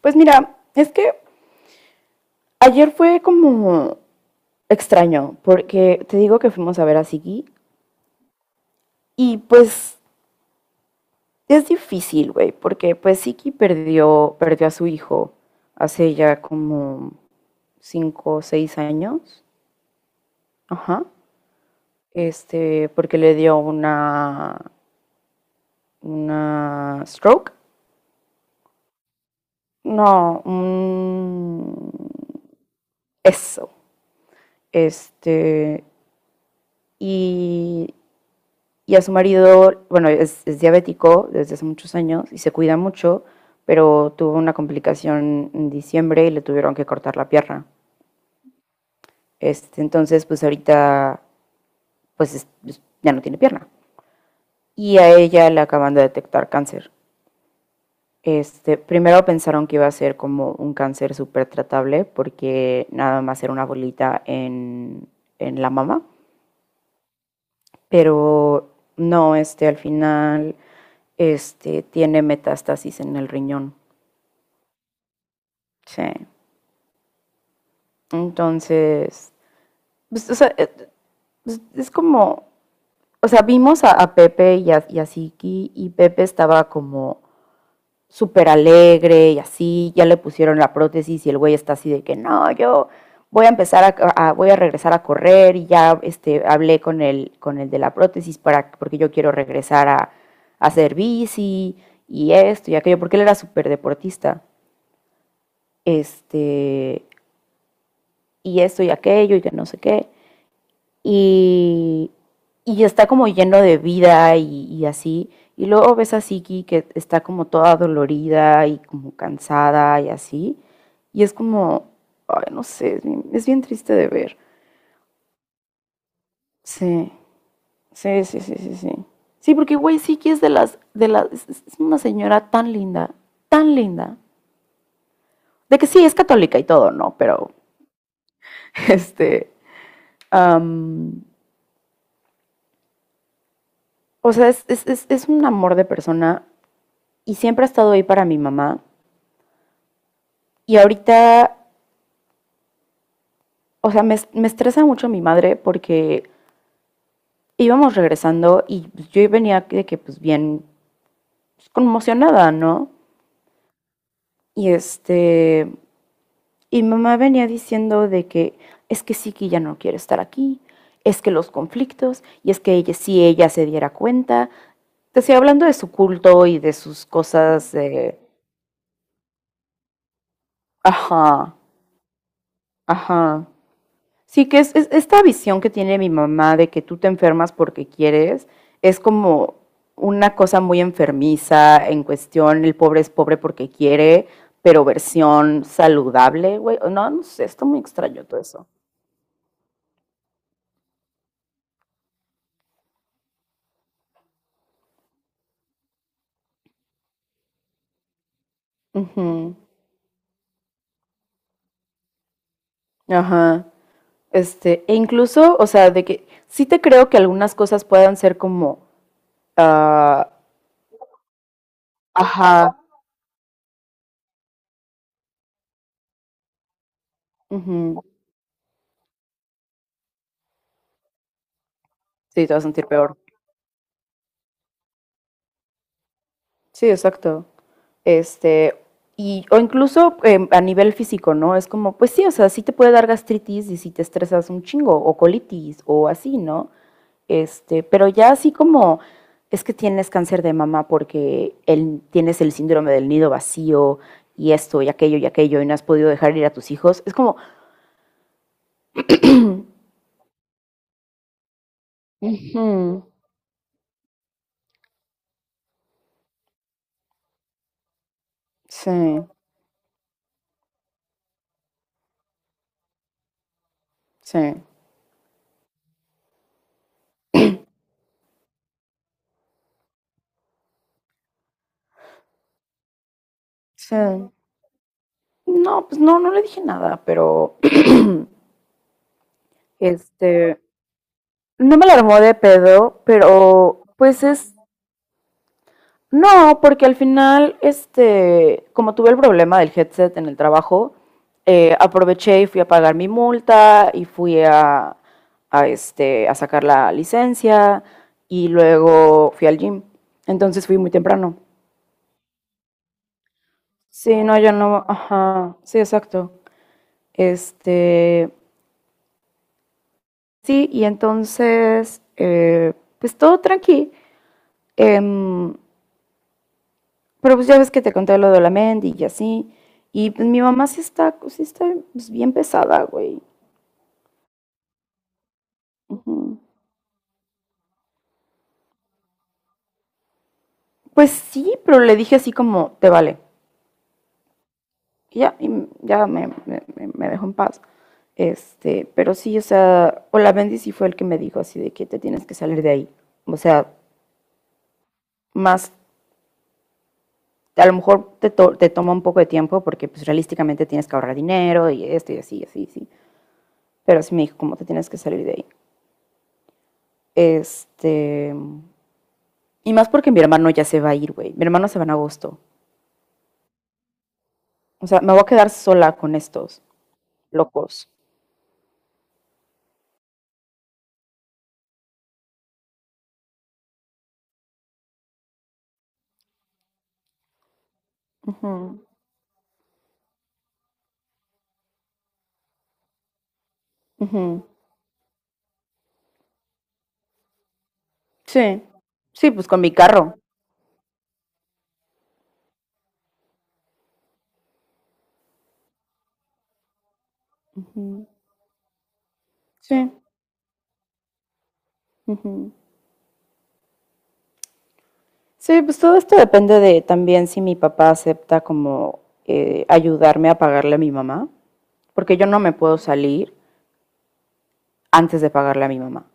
Pues mira, es que ayer fue como extraño, porque te digo que fuimos a ver a Siki y pues es difícil, güey, porque pues Siki perdió a su hijo hace ya como 5 o 6 años, ajá, porque le dio una stroke, no, eso, este, y Y a su marido, bueno, es diabético desde hace muchos años y se cuida mucho, pero tuvo una complicación en diciembre y le tuvieron que cortar la pierna. Entonces, pues ahorita, pues ya no tiene pierna. Y a ella le acaban de detectar cáncer. Primero pensaron que iba a ser como un cáncer súper tratable porque nada más era una bolita en la mama, pero no, al final tiene metástasis en el riñón. Sí. Entonces, pues, o sea, pues, es como, o sea, vimos a Pepe y a Siki y Pepe estaba como súper alegre y así, ya le pusieron la prótesis y el güey está así de que no, yo voy a empezar voy a regresar a correr y ya hablé con el de la prótesis porque yo quiero regresar a hacer bici y esto y aquello, porque él era súper deportista, este, y esto y aquello y que no sé qué. y, y está como lleno de vida y así. Y luego ves a Siki que está como toda dolorida y como cansada y así. Y es como, ay, no sé, es bien triste de ver. Sí, sí, sí, sí, sí, sí. Sí, porque güey, Siki es de las, es una señora tan linda, tan linda. De que sí, es católica y todo, ¿no? Pero, este, am, o sea, es un amor de persona y siempre ha estado ahí para mi mamá. Y ahorita, o sea, me estresa mucho mi madre porque íbamos regresando y pues, yo venía de que, pues, bien pues, conmocionada, ¿no? Y este, y mamá venía diciendo de que es que sí que ya no quiere estar aquí, es que los conflictos, y es que ella, si ella se diera cuenta, te estoy hablando de su culto y de sus cosas de, ajá, ajá. Sí, que esta visión que tiene mi mamá de que tú te enfermas porque quieres, es como una cosa muy enfermiza en cuestión, el pobre es pobre porque quiere, pero versión saludable, güey. No, no sé, está muy extraño todo eso. Ujú, ajá. E incluso, o sea, de que sí te creo que algunas cosas puedan ser como, ah, ajá, ujú, sí, te vas a sentir peor. Sí, exacto. Este, o incluso a nivel físico, ¿no? Es como, pues sí, o sea, sí te puede dar gastritis y si te estresas un chingo, o colitis, o así, ¿no? Pero ya así como, es que tienes cáncer de mama porque tienes el síndrome del nido vacío y esto y aquello y aquello y no has podido dejar ir a tus hijos. Es como, ujú, sí, sí, sí. No, pues no, no le dije nada, pero este, no me la armó de pedo, pero pues es... No, porque al final, como tuve el problema del headset en el trabajo, aproveché y fui a pagar mi multa y fui a sacar la licencia y luego fui al gym. Entonces fui muy temprano. Sí, no, yo no, ajá, sí, exacto. Este, sí, y entonces, pues todo tranqui. Em, Pero pues ya ves que te conté lo de la Mendy y así. Y pues mi mamá sí está pues, bien pesada, güey. Ujú. Pues sí, pero le dije así como, te vale. Y ya me dejó en paz. Pero sí, o sea, o la Bendy sí fue el que me dijo así de que te tienes que salir de ahí. O sea, más, a lo mejor te toma un poco de tiempo porque pues realísticamente tienes que ahorrar dinero y esto y así, y así, y así. Pero sí me dijo como te tienes que salir de ahí. Este, Y más porque mi hermano ya se va a ir, güey. Mi hermano se va en agosto. O sea, me voy a quedar sola con estos locos. Ujú, ujú. Sí. Sí, pues con mi carro. Ujú, sí. Ujú. Sí, pues todo esto depende de también si mi papá acepta como ayudarme a pagarle a mi mamá, porque yo no me puedo salir antes de pagarle a mi mamá.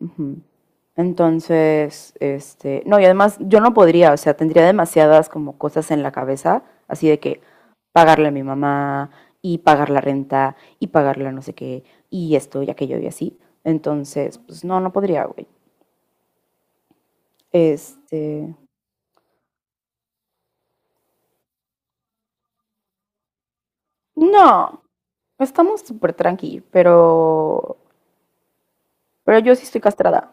Ujú. Entonces, no, y además yo no podría, o sea, tendría demasiadas como cosas en la cabeza, así de que pagarle a mi mamá y pagar la renta y pagarle a no sé qué y esto y aquello y así. Entonces, pues no, no podría, güey. Este, no, estamos súper tranqui, pero yo sí estoy castrada.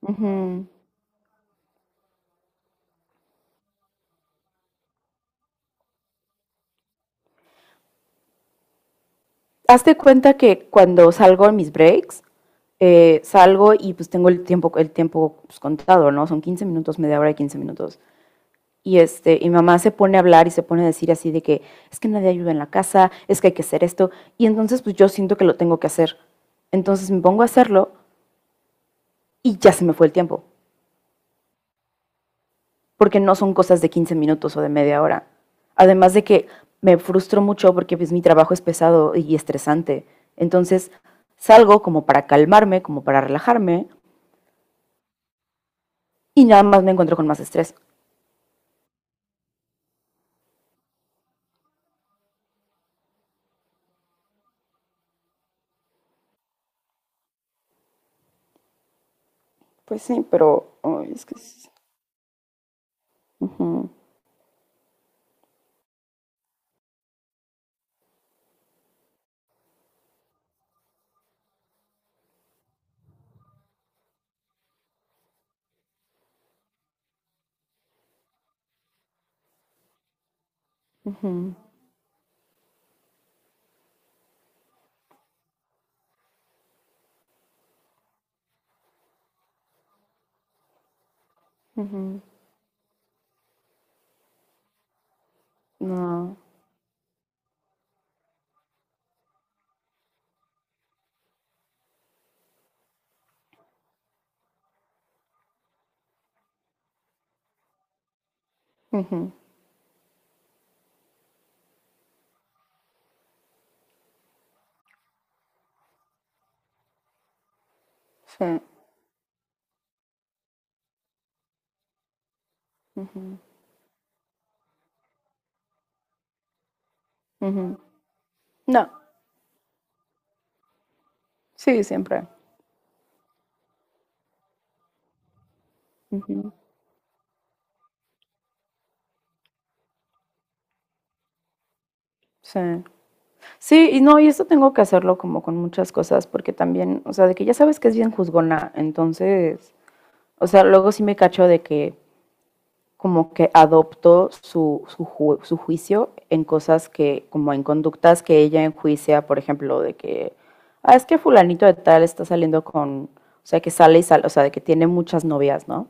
Ujú. Hazte cuenta que cuando salgo en mis breaks, salgo y pues tengo el tiempo pues, contado, ¿no? Son 15 minutos, media hora y 15 minutos. Y mi mamá se pone a hablar y se pone a decir así de que es que nadie ayuda en la casa, es que hay que hacer esto. Y entonces pues yo siento que lo tengo que hacer. Entonces me pongo a hacerlo y ya se me fue el tiempo, porque no son cosas de 15 minutos o de media hora. Además de que me frustro mucho porque pues mi trabajo es pesado y estresante. Entonces salgo como para calmarme, como para relajarme y nada más me encuentro con más estrés. Pues sí, pero ay, es que ujú, ujú, ujú, no, ujú, sí, ujú, ujú, no, sí, siempre. Ujú, sí. Sí, y no, y esto tengo que hacerlo como con muchas cosas, porque también, o sea, de que ya sabes que es bien juzgona, entonces, o sea, luego sí me cacho de que, como que adoptó su juicio en cosas que, como en conductas que ella enjuicia, por ejemplo, de que, ah, es que fulanito de tal está saliendo con, o sea, que sale y sale, o sea, de que tiene muchas novias, ¿no?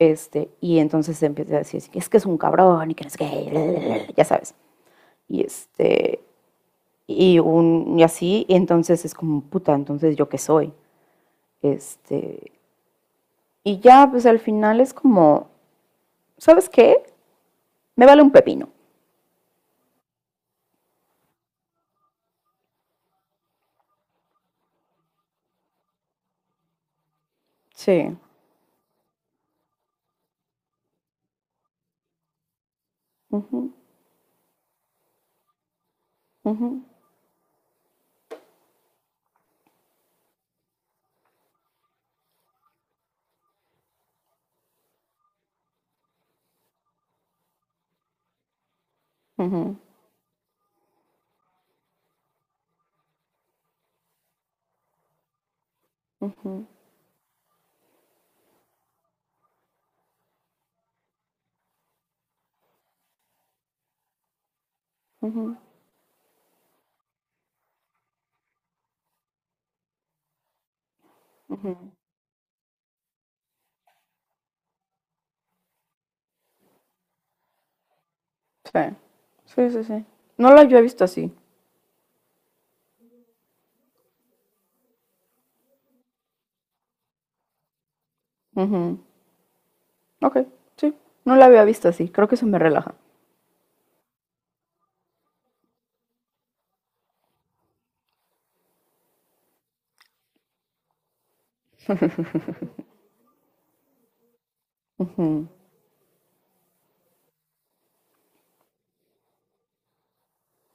Y entonces se empieza a decir, es que es un cabrón y que no es que, ya sabes. Y este, y así, y entonces es como, puta, entonces yo qué soy. Este, y ya, pues al final es como, ¿sabes qué? Me vale un pepino. Sí. Ujú, ujú, ujú, ujú, ujú, ujú. Sí, sí, sí, sí. No la había visto así. Ujú, ok, sí. No la había visto así. Creo que eso me relaja. Ujú,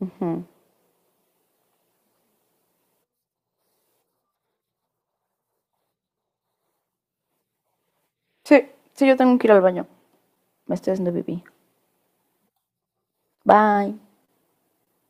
ujú. Sí, sí, yo tengo que ir al baño. Me estoy haciendo pipí. Bye.